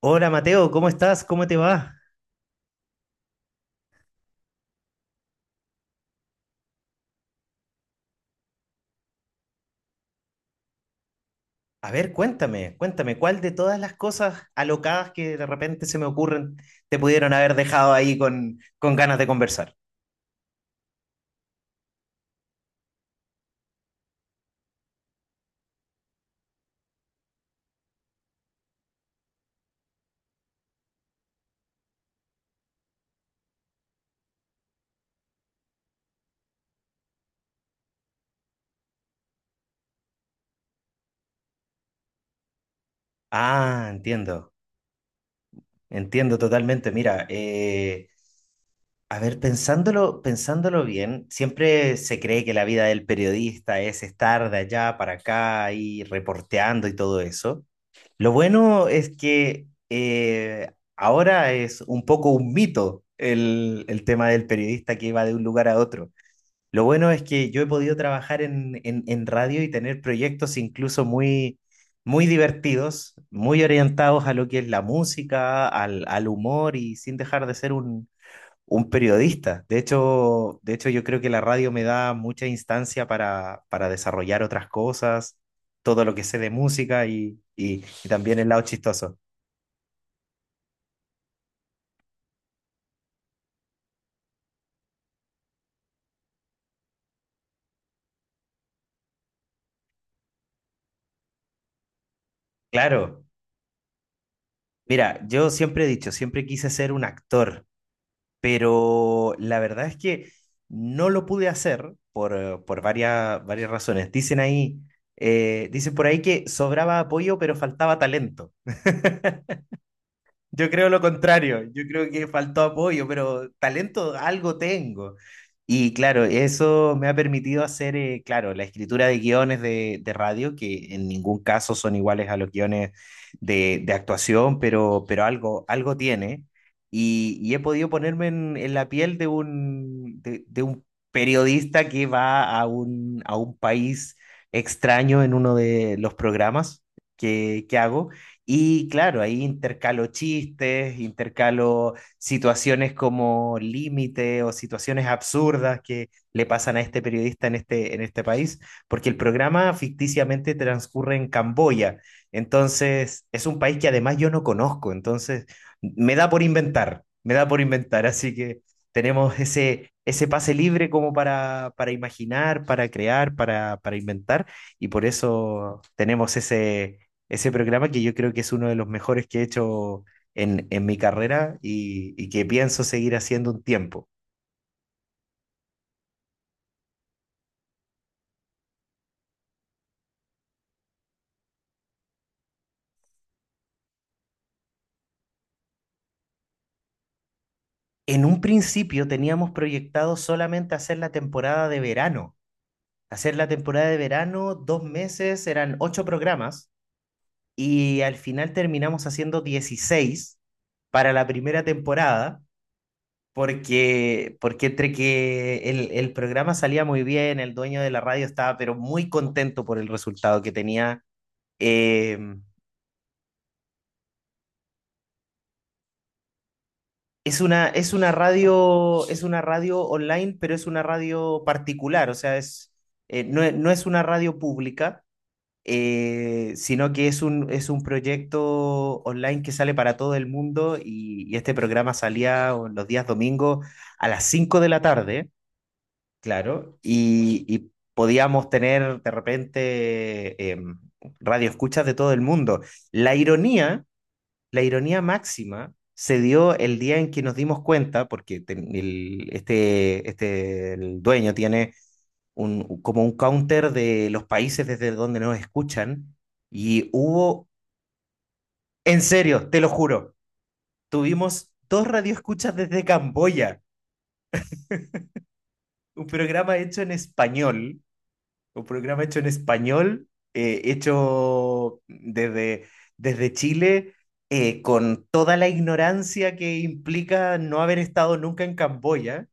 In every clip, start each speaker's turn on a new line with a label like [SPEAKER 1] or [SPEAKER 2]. [SPEAKER 1] Hola Mateo, ¿cómo estás? ¿Cómo te va? A ver, cuéntame, cuéntame, ¿cuál de todas las cosas alocadas que de repente se me ocurren te pudieron haber dejado ahí con, ganas de conversar? Ah, entiendo, entiendo totalmente. Mira, a ver, pensándolo, pensándolo bien, siempre se cree que la vida del periodista es estar de allá para acá y reporteando y todo eso. Lo bueno es que ahora es un poco un mito el tema del periodista que va de un lugar a otro. Lo bueno es que yo he podido trabajar en radio y tener proyectos incluso muy, muy divertidos, muy orientados a lo que es la música, al humor y sin dejar de ser un periodista. De hecho, yo creo que la radio me da mucha instancia para desarrollar otras cosas, todo lo que sé de música y también el lado chistoso. Claro, mira, yo siempre he dicho, siempre quise ser un actor, pero la verdad es que no lo pude hacer por varias, varias razones. Dicen ahí, dicen por ahí que sobraba apoyo, pero faltaba talento. Yo creo lo contrario, yo creo que faltó apoyo, pero talento algo tengo. Y claro, eso me ha permitido hacer, claro, la escritura de guiones de radio, que en ningún caso son iguales a los guiones de actuación, pero algo, algo tiene. Y he podido ponerme en la piel de un periodista que va a un país extraño en uno de los programas que hago y claro, ahí intercalo chistes, intercalo situaciones como límite o situaciones absurdas que le pasan a este periodista en este país, porque el programa ficticiamente transcurre en Camboya. Entonces, es un país que además yo no conozco, entonces me da por inventar, me da por inventar, así que tenemos ese pase libre como para imaginar, para crear, para inventar, y por eso tenemos ese programa que yo creo que es uno de los mejores que he hecho en mi carrera y que pienso seguir haciendo un tiempo. En un principio teníamos proyectado solamente hacer la temporada de verano. Hacer la temporada de verano, 2 meses, eran ocho programas y al final terminamos haciendo 16 para la primera temporada porque entre que el programa salía muy bien, el dueño de la radio estaba pero muy contento por el resultado que tenía, eh, es una radio online, pero es una radio particular, o sea, no, no es una radio pública, sino que es un proyecto online que sale para todo el mundo y este programa salía los días domingos a las 5 de la tarde, claro, y podíamos tener de repente radioescuchas de todo el mundo. La ironía máxima se dio el día en que nos dimos cuenta, porque el dueño tiene como un counter de los países desde donde nos escuchan, y hubo, en serio, te lo juro, tuvimos dos radioescuchas desde Camboya, un programa hecho en español Un programa hecho en español, hecho desde Chile, con toda la ignorancia que implica no haber estado nunca en Camboya.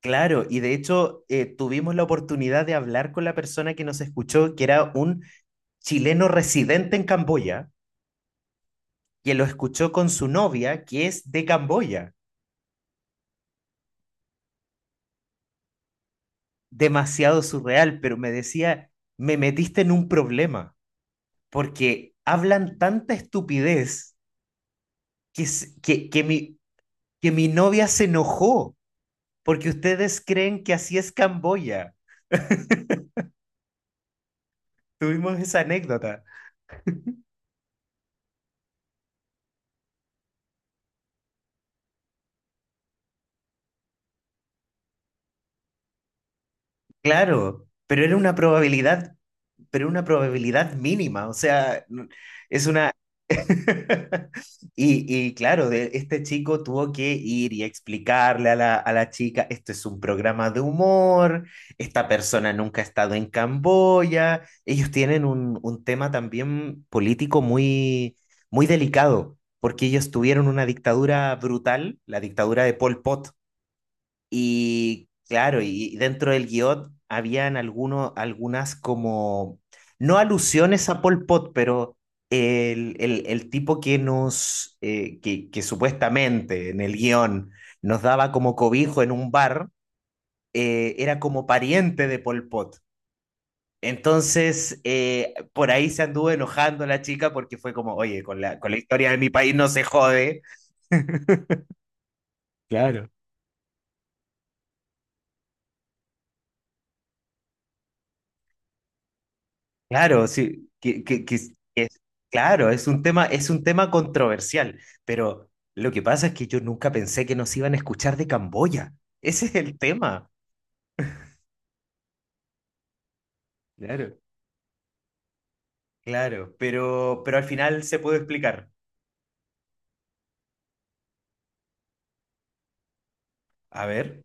[SPEAKER 1] Claro, y de hecho tuvimos la oportunidad de hablar con la persona que nos escuchó, que era un chileno residente en Camboya, que lo escuchó con su novia, que es de Camboya. Demasiado surreal, pero me decía, me metiste en un problema, porque hablan tanta estupidez que mi novia se enojó porque ustedes creen que así es Camboya. Tuvimos esa anécdota. Claro, pero era una probabilidad, pero una probabilidad mínima. O sea, es una Y claro, de, este chico tuvo que ir y explicarle a la chica, esto es un programa de humor, esta persona nunca ha estado en Camboya, ellos tienen un tema también político muy, muy delicado, porque ellos tuvieron una dictadura brutal, la dictadura de Pol Pot, y claro, y dentro del guión habían algunos, algunas como, no alusiones a Pol Pot, pero el tipo que supuestamente en el guión nos daba como cobijo en un bar, era como pariente de Pol Pot. Entonces, por ahí se anduvo enojando la chica porque fue como, oye, con la historia de mi país no se jode. Claro, sí, claro, es un tema controversial, pero lo que pasa es que yo nunca pensé que nos iban a escuchar de Camboya. Ese es el tema. Claro. Claro, pero al final se puede explicar. A ver,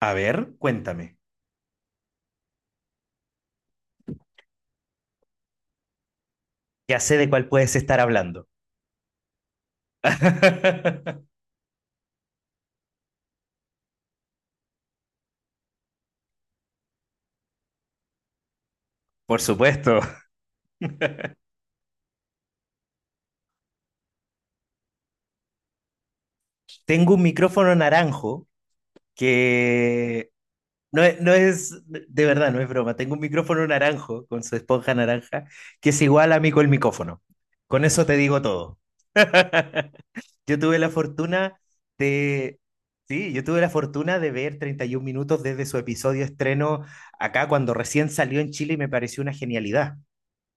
[SPEAKER 1] a ver, cuéntame. Ya sé de cuál puedes estar hablando. Por supuesto. Tengo un micrófono naranjo que No es, no es, de verdad, no es broma. Tengo un micrófono naranjo con su esponja naranja que es igual a mí con el micrófono. Con eso te digo todo. Yo tuve la fortuna de... Sí, yo tuve la fortuna de ver 31 minutos desde su episodio estreno acá cuando recién salió en Chile y me pareció una genialidad.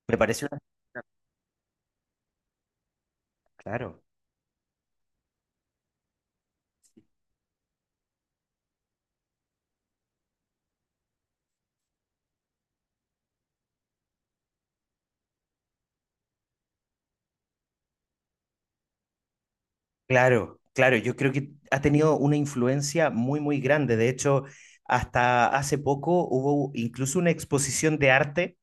[SPEAKER 1] Me pareció una... Claro. Claro, claro, yo creo que ha tenido una influencia muy, muy grande. De hecho, hasta hace poco hubo incluso una exposición de arte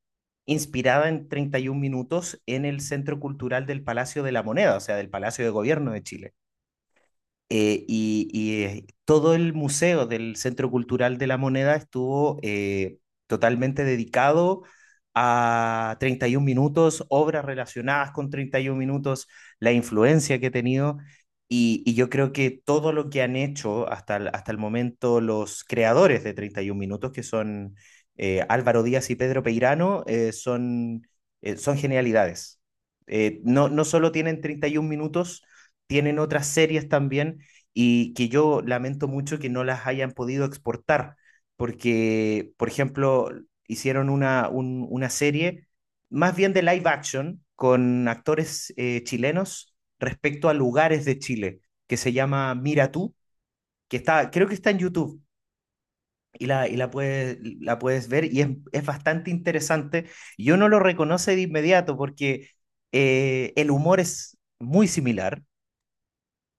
[SPEAKER 1] inspirada en 31 minutos en el Centro Cultural del Palacio de la Moneda, o sea, del Palacio de Gobierno de Chile y, todo el museo del Centro Cultural de la Moneda estuvo totalmente dedicado a 31 minutos, obras relacionadas con 31 minutos, la influencia que ha tenido. Y yo creo que todo lo que han hecho hasta el momento los creadores de 31 minutos, que son Álvaro Díaz y Pedro Peirano, son genialidades. No, no solo tienen 31 minutos, tienen otras series también y que yo lamento mucho que no las hayan podido exportar, porque, por ejemplo, hicieron una serie más bien de live action con actores chilenos respecto a lugares de Chile, que se llama Mira tú, que está, creo que está en YouTube. La puedes ver y es bastante interesante. Yo no lo reconoce de inmediato porque el humor es muy similar,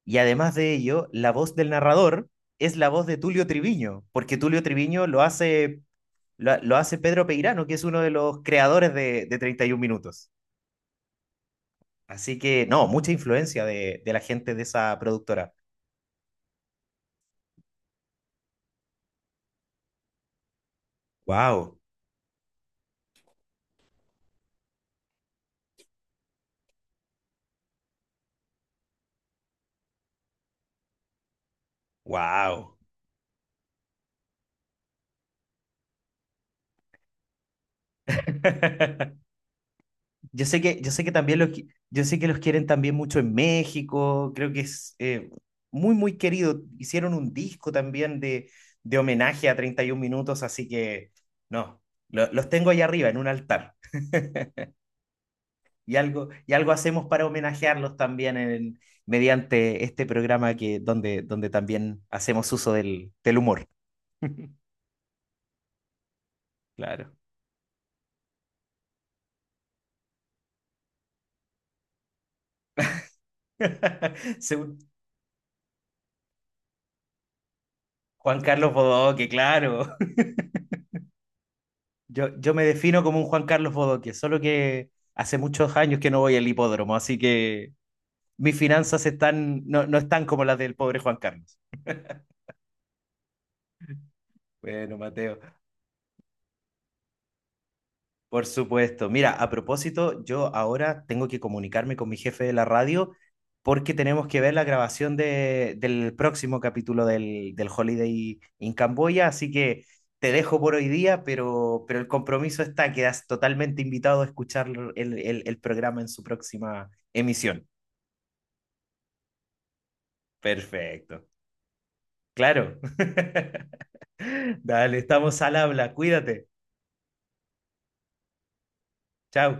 [SPEAKER 1] y además de ello, la voz del narrador es la voz de Tulio Triviño, porque Tulio Triviño lo hace, lo hace Pedro Peirano, que es uno de los creadores de 31 Minutos. Así que, no, mucha influencia de la gente de esa productora. ¡Wow! ¡Wow! Yo sé que también los, qui- yo sé que los quieren también mucho en México, creo que es muy, muy querido. Hicieron un disco también de homenaje a 31 minutos, así que no, los tengo ahí arriba en un altar. Y algo hacemos para homenajearlos también mediante este programa que, donde también hacemos uso del humor. Claro. Según Juan Carlos Bodoque, claro. Yo me defino como un Juan Carlos Bodoque, solo que hace muchos años que no voy al hipódromo, así que mis finanzas están, no, no están como las del pobre Juan Carlos. Bueno, Mateo, por supuesto. Mira, a propósito, yo ahora tengo que comunicarme con mi jefe de la radio porque tenemos que ver la grabación del próximo capítulo del Holiday in Camboya, así que te dejo por hoy día, pero el compromiso está, quedas totalmente invitado a escuchar el programa en su próxima emisión. Perfecto. Claro. Dale, estamos al habla. Cuídate. Chao.